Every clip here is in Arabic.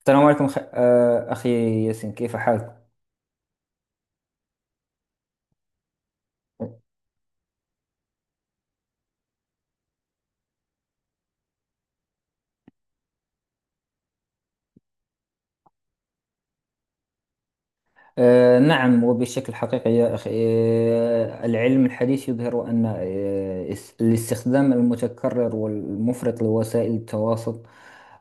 السلام عليكم خ... آه، أخي ياسين كيف حالك؟ نعم وبشكل حقيقي يا أخي. العلم الحديث يظهر أن الاستخدام المتكرر والمفرط لوسائل التواصل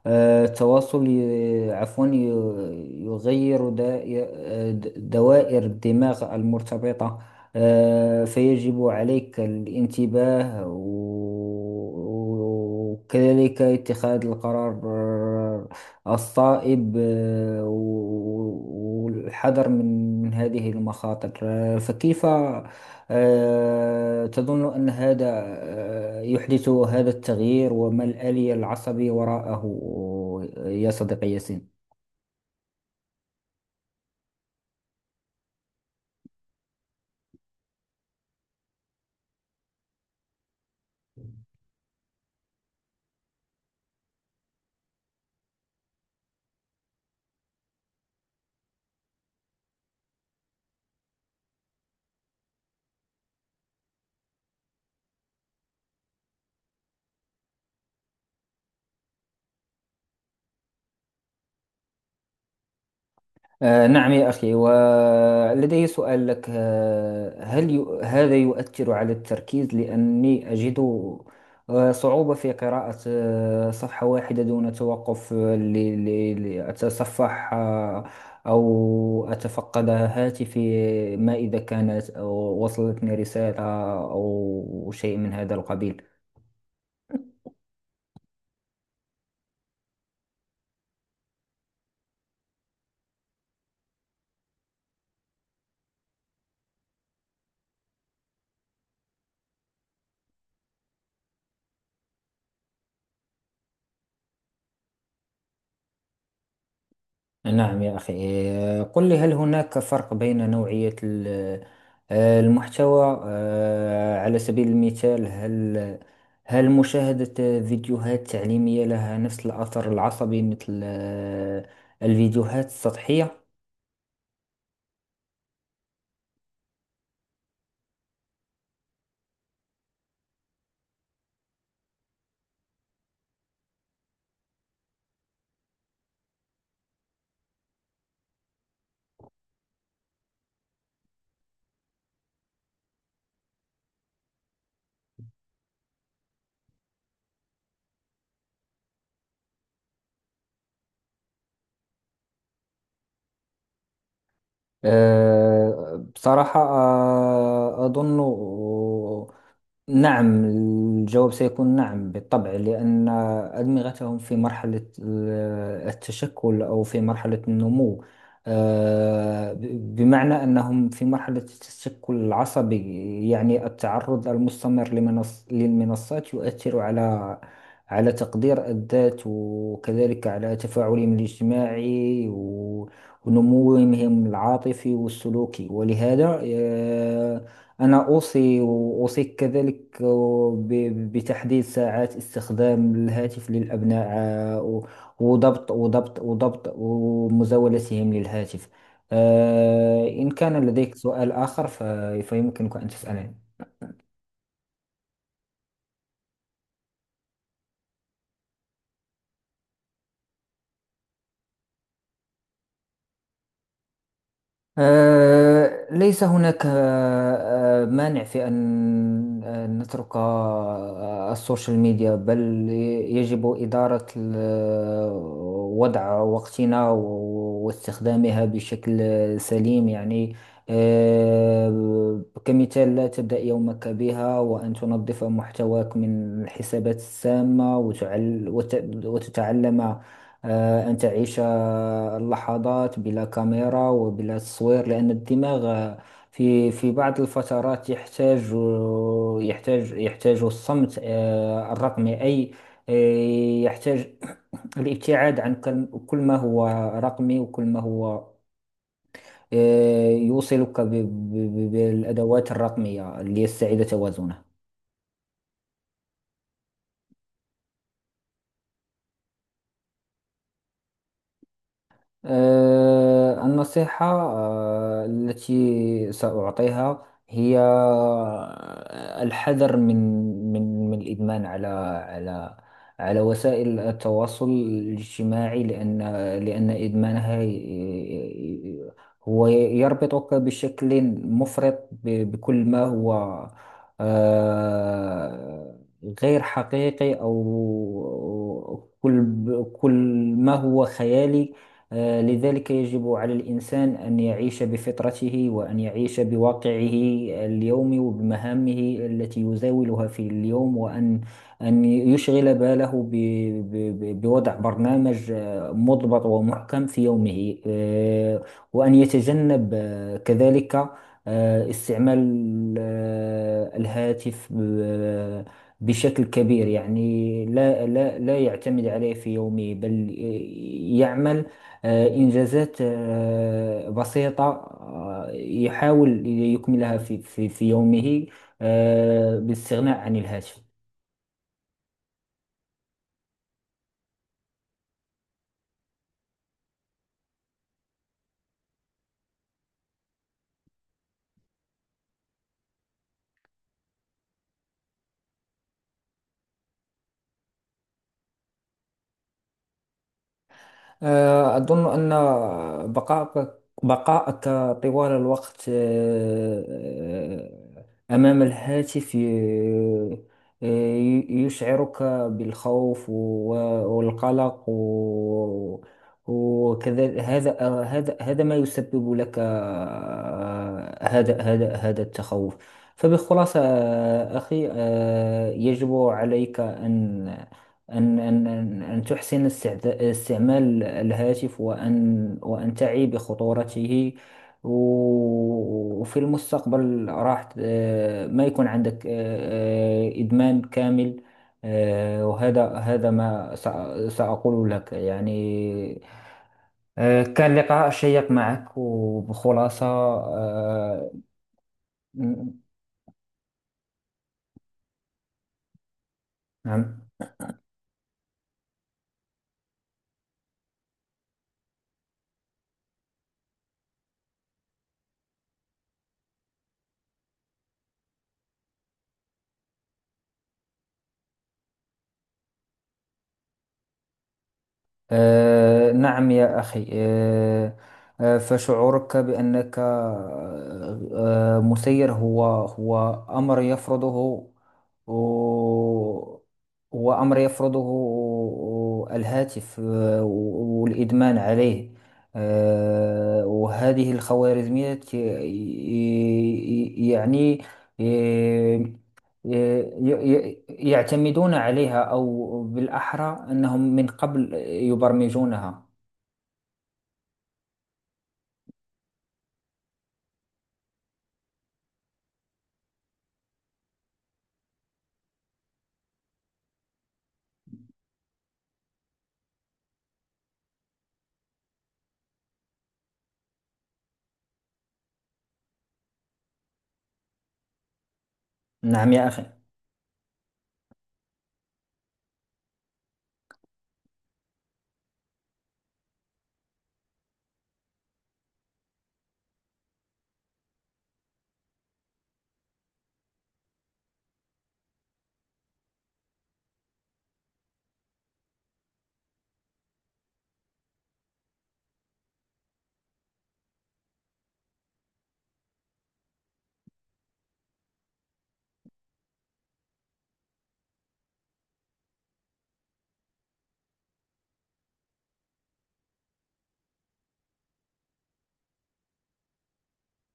آه، التواصل يغير دوائر الدماغ المرتبطة. فيجب عليك الانتباه وكذلك اتخاذ القرار الصائب، والحذر من هذه المخاطر. فكيف تظن أن هذا يحدث هذا التغيير، وما الآلية العصبية وراءه يا صديقي ياسين؟ نعم يا أخي، ولدي سؤال لك. هذا يؤثر على التركيز، لأني أجد صعوبة في قراءة صفحة واحدة دون توقف، لأتصفح أو أتفقد هاتفي ما إذا كانت أو وصلتني رسالة أو شيء من هذا القبيل. نعم يا أخي. قل لي، هل هناك فرق بين نوعية المحتوى؟ على سبيل المثال، هل مشاهدة فيديوهات تعليمية لها نفس الأثر العصبي مثل الفيديوهات السطحية؟ بصراحة أظن نعم. الجواب سيكون نعم بالطبع، لأن أدمغتهم في التشكل أو في مرحلة النمو. بمعنى أنهم في مرحلة التشكل العصبي، يعني التعرض المستمر للمنصات يؤثر على تقدير الذات، وكذلك على تفاعلهم الاجتماعي ونموهم العاطفي والسلوكي. ولهذا أنا أوصي وأوصيك كذلك بتحديد ساعات استخدام الهاتف للأبناء، وضبط ومزاولتهم للهاتف. إن كان لديك سؤال آخر فيمكنك أن تسألني. ليس هناك مانع في أن نترك السوشيال ميديا، بل يجب إدارة وضع وقتنا واستخدامها بشكل سليم. يعني كمثال، لا تبدأ يومك بها، وأن تنظف محتواك من الحسابات السامة، وتتعلم أن تعيش اللحظات بلا كاميرا وبلا تصوير، لأن الدماغ في بعض الفترات يحتاج، يحتاج الصمت الرقمي. أي يحتاج الابتعاد عن كل ما هو رقمي، وكل ما هو يوصلك بالأدوات الرقمية، ليستعيد توازنه. النصيحة التي سأعطيها هي الحذر من الإدمان على على وسائل التواصل الاجتماعي، لأن إدمانها هو يربطك بشكل مفرط بكل ما هو آه، غير حقيقي، أو كل ما هو خيالي. لذلك يجب على الإنسان أن يعيش بفطرته، وأن يعيش بواقعه اليومي وبمهامه التي يزاولها في اليوم، وأن يشغل باله بوضع برنامج مضبط ومحكم في يومه، وأن يتجنب كذلك استعمال الهاتف بشكل كبير. يعني لا يعتمد عليه في يومه، بل يعمل إنجازات بسيطة يحاول يكملها في يومه بالاستغناء عن الهاتف. أظن أن بقائك طوال الوقت أمام الهاتف يشعرك بالخوف والقلق وكذا. هذا ما يسبب لك آه، هذا هذا هذا التخوف. فبخلاصة أخي، يجب عليك أن تحسن استعمال الهاتف، وأن تعي بخطورته، وفي المستقبل راح ما يكون عندك إدمان كامل. وهذا ما سأقول لك. يعني كان لقاء شيق معك. وبخلاصة م- نعم. نعم يا أخي. فشعورك بأنك مسير، هو أمر يفرضه، هو أمر يفرضه الهاتف والإدمان عليه. وهذه الخوارزميات يعني آه، يعتمدون عليها، أو بالأحرى أنهم من قبل يبرمجونها. نعم يا أخي،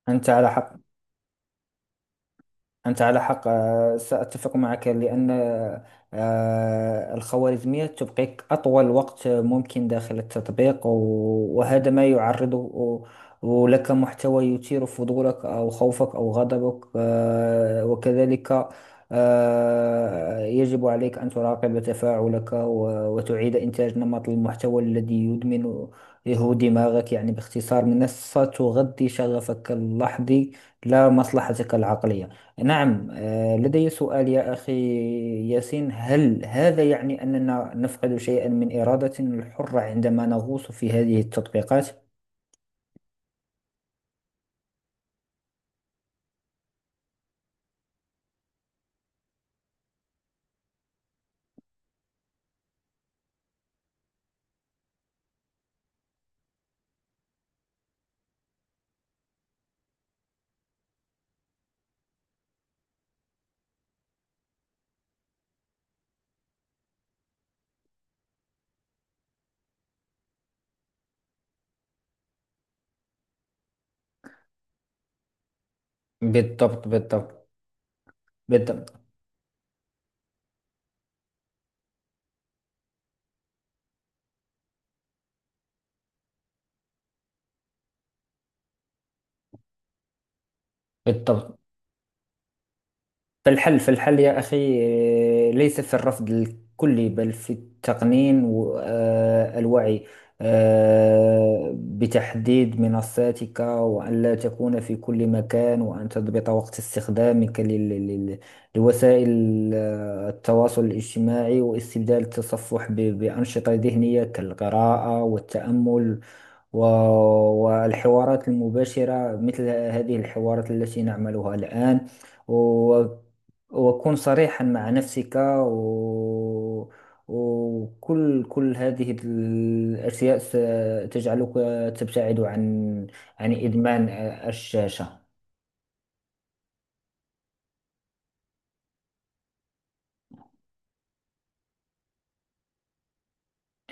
أنت على حق. أنت على حق. سأتفق معك، لأن الخوارزمية تبقيك أطول وقت ممكن داخل التطبيق، وهذا ما يعرضه لك محتوى يثير فضولك أو خوفك أو غضبك، وكذلك يجب عليك أن تراقب تفاعلك، وتعيد إنتاج نمط المحتوى الذي يدمن هو دماغك. يعني باختصار، منصة تغذي شغفك اللحظي لا مصلحتك العقلية. نعم لدي سؤال يا أخي ياسين. هذا يعني أننا نفقد شيئا من إرادتنا الحرة عندما نغوص في هذه التطبيقات؟ بالضبط، بالضبط. بالضبط. بالضبط. فالحل يا أخي ليس في الرفض الكلي، بل في التقنين والوعي بتحديد منصاتك، وأن لا تكون في كل مكان، وأن تضبط وقت استخدامك لوسائل التواصل الاجتماعي، واستبدال التصفح بأنشطة ذهنية كالقراءة والتأمل و- والحوارات المباشرة مثل هذه الحوارات التي نعملها الآن، وأكون صريحا مع نفسك وكل هذه الأشياء ستجعلك تبتعد عن إدمان الشاشة.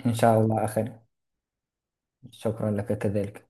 إن شاء الله أخي. شكرا لك كذلك.